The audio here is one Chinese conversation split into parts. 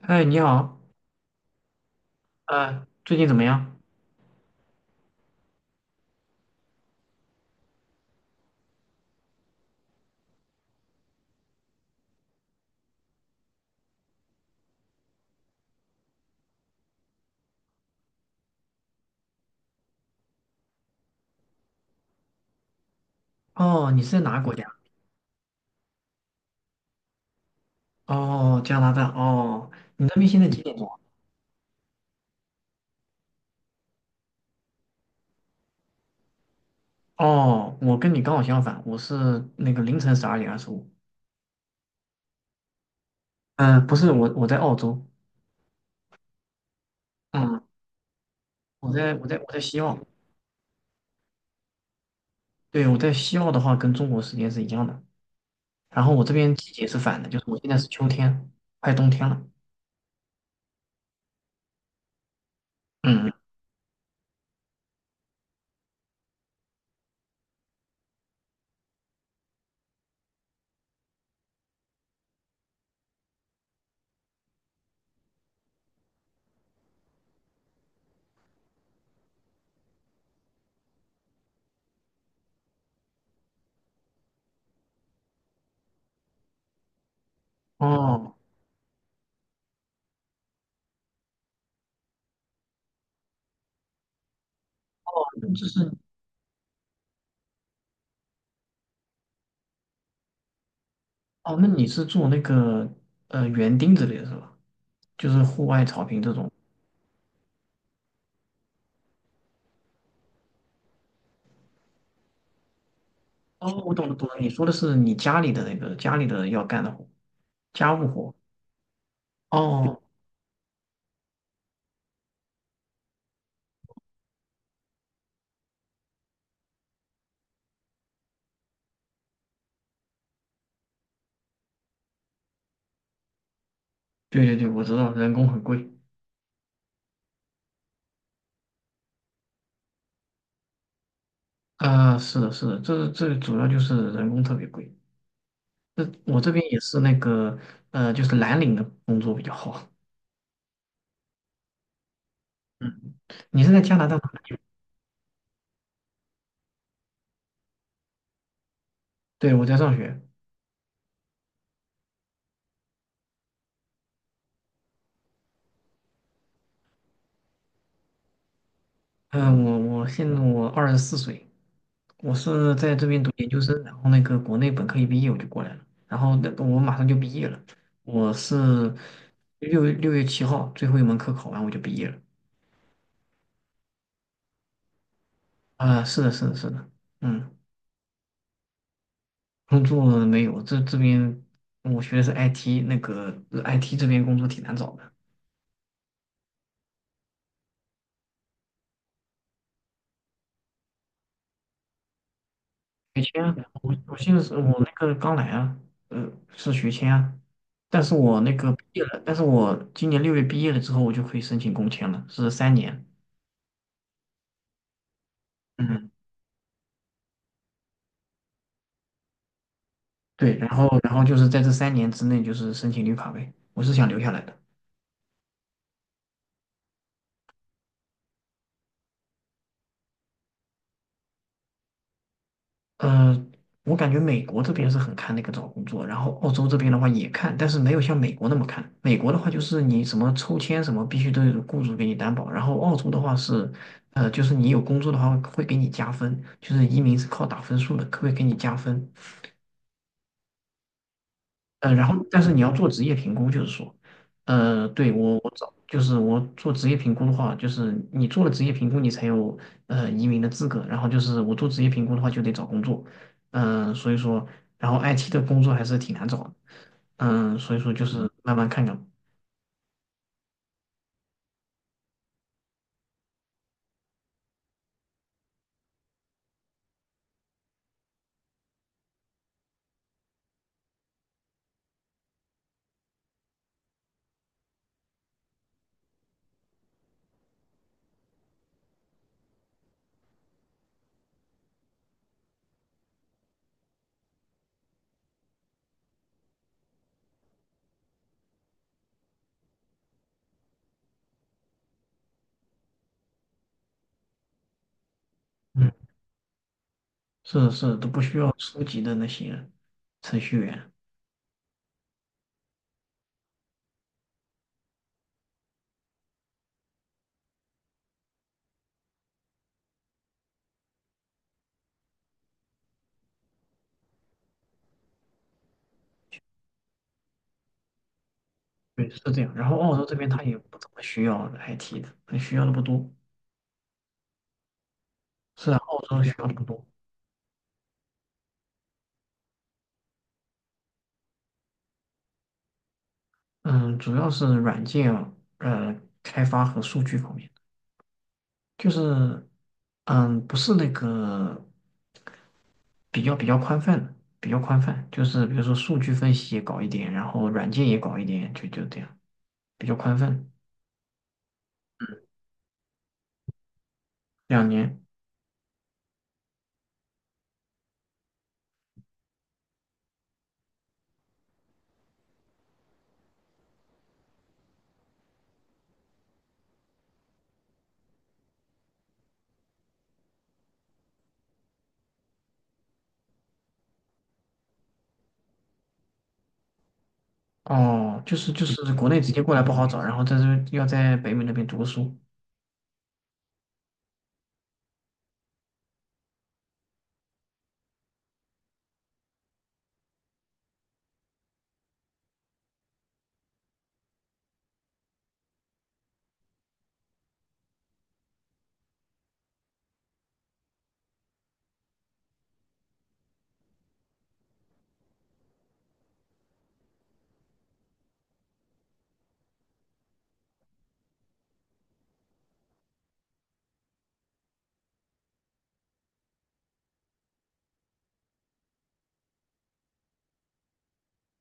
嗨，你好，最近怎么样？哦，你是在哪个国家？哦，加拿大。哦，你那边现在几点钟啊？哦，我跟你刚好相反，我是那个凌晨12:25。嗯，不是，我在澳洲。嗯，我在西澳。对，我在西澳的话，跟中国时间是一样的。然后我这边季节是反的，就是我现在是秋天，快冬天了。嗯，哦，就是哦，那你是做那个园丁之类的是吧？就是户外草坪这种。哦，我懂了懂了，你说的是你家里的那个家里的要干的活，家务活。哦，对对对，我知道，人工很贵。啊，是的，是的，这主要就是人工特别贵。这我这边也是那个，就是蓝领的工作比较好。嗯，你是在加拿大哪里？对，我在上学。嗯，我现在24岁。我是在这边读研究生，然后那个国内本科一毕业我就过来了，然后那个我马上就毕业了，我是六月七号最后一门课考完我就毕业了。啊，是的，是的，是的。嗯，工作没有，这边我学的是 IT，那个IT 这边工作挺难找的。学签啊，我现在是我那个刚来啊，呃，是学签啊，但是我那个毕业了，但是我今年六月毕业了之后，我就可以申请工签了，是三年。嗯，对，然后就是在这三年之内就是申请绿卡呗，我是想留下来的。呃，我感觉美国这边是很看那个找工作，然后澳洲这边的话也看，但是没有像美国那么看。美国的话就是你什么抽签什么必须都有雇主给你担保，然后澳洲的话是，就是你有工作的话会给你加分，就是移民是靠打分数的，可会给你加分。然后但是你要做职业评估，就是说，对我找就是我做职业评估的话，就是你做了职业评估，你才有移民的资格。然后就是我做职业评估的话，就得找工作。嗯，所以说，然后 IT 的工作还是挺难找的。嗯，所以说就是慢慢看看。嗯，是是，都不需要初级的那些程序员，对，是这样。然后澳洲这边他也不怎么需要 IT 的，他需要的不多，是啊，澳洲需要的不多。嗯，主要是软件呃开发和数据方面，就是不是那个比较宽泛的，比较宽泛，就是比如说数据分析也搞一点，然后软件也搞一点，就这样，比较宽泛。2年。哦，就是国内直接过来不好找，然后在这要在北美那边读书。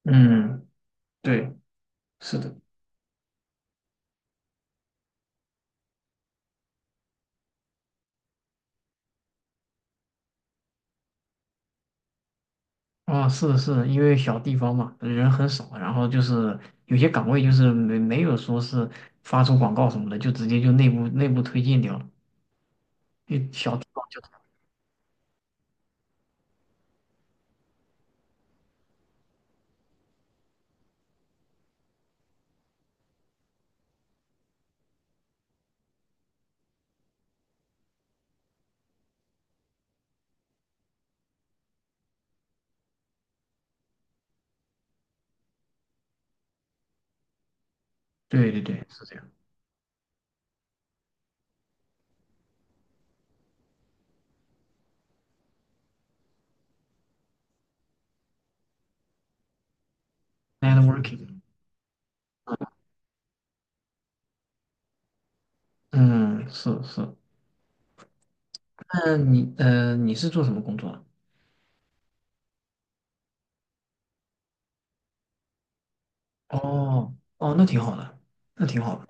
嗯，对，是的。啊，是是，因为小地方嘛，人很少，然后就是有些岗位就是没有说是发出广告什么的，就直接就内部推荐掉了。因为小地方就。对对对，是这样，networking。嗯，是是。那你是做什么工作的？哦哦，那挺好的，那挺好的。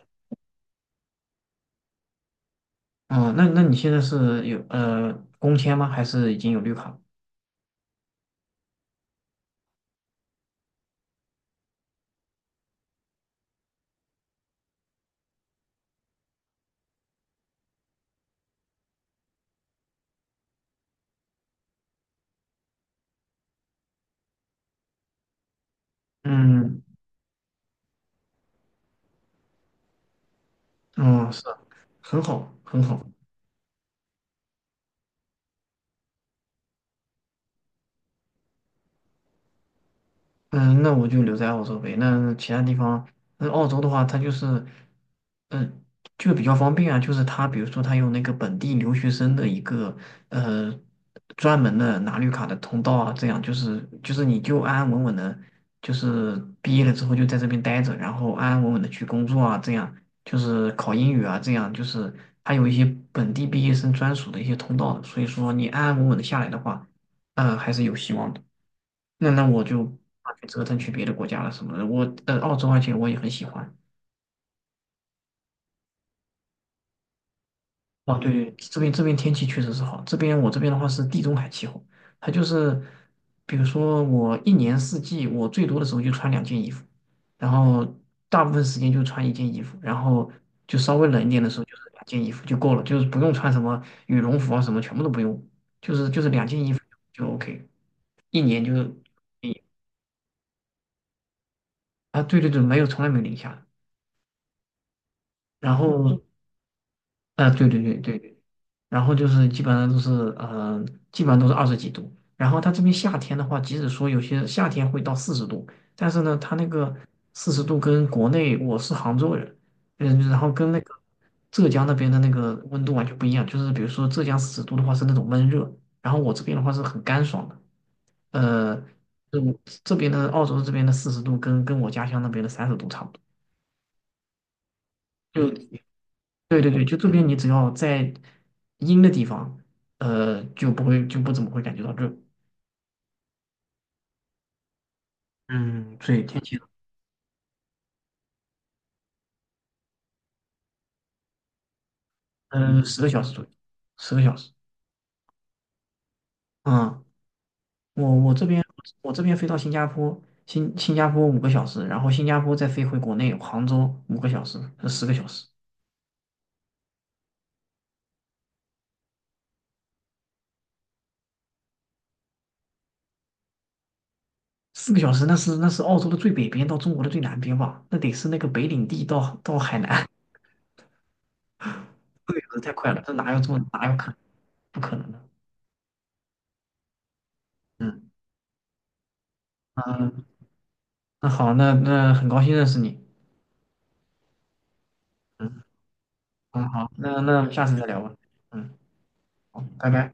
哦，那你现在是有工签吗？还是已经有绿卡？嗯嗯，是，很好很好。嗯，那我就留在澳洲呗。那其他地方，那澳洲的话，它就是，嗯，就比较方便啊。就是它，比如说它有那个本地留学生的一个呃专门的拿绿卡的通道啊，这样就是你就安安稳稳的，就是毕业了之后就在这边待着，然后安安稳稳的去工作啊，这样就是考英语啊，这样就是它有一些本地毕业生专属的一些通道的。所以说你安安稳稳的下来的话，嗯，还是有希望的。那我就去折腾去别的国家了什么的。我，澳洲而且我也很喜欢。哦，对对，这边天气确实是好。这边的话是地中海气候，它就是，比如说我一年四季，我最多的时候就穿两件衣服，然后大部分时间就穿一件衣服，然后就稍微冷一点的时候就是两件衣服就够了，就是不用穿什么羽绒服啊什么，全部都不用，就是两件衣服就 OK，一年就，对对对，没有从来没有零下的。然后对对对对对，然后就是呃，基本上都是20几度。然后它这边夏天的话，即使说有些夏天会到四十度，但是呢，它那个四十度跟国内我是杭州人，嗯，然后跟那个浙江那边的那个温度完全不一样。就是比如说浙江四十度的话是那种闷热，然后我这边的话是很干爽的。呃，就这边的澳洲这边的四十度跟我家乡那边的30度差不多。就。对对对，就这边你只要在阴的地方，就不会不怎么会感觉到热。嗯，所以天气，嗯，十个小时左右，十个小时。嗯，我这边飞到新加坡，新加坡五个小时，然后新加坡再飞回国内杭州五个小时，是十个小时。4个小时那是澳洲的最北边到中国的最南边吧？那得是那个北领地到海南，这个小时太快了，这哪有可能不可能的？嗯嗯，那好，那很高兴认识你。嗯，嗯，好，那我们下次再聊吧。嗯，好，拜拜。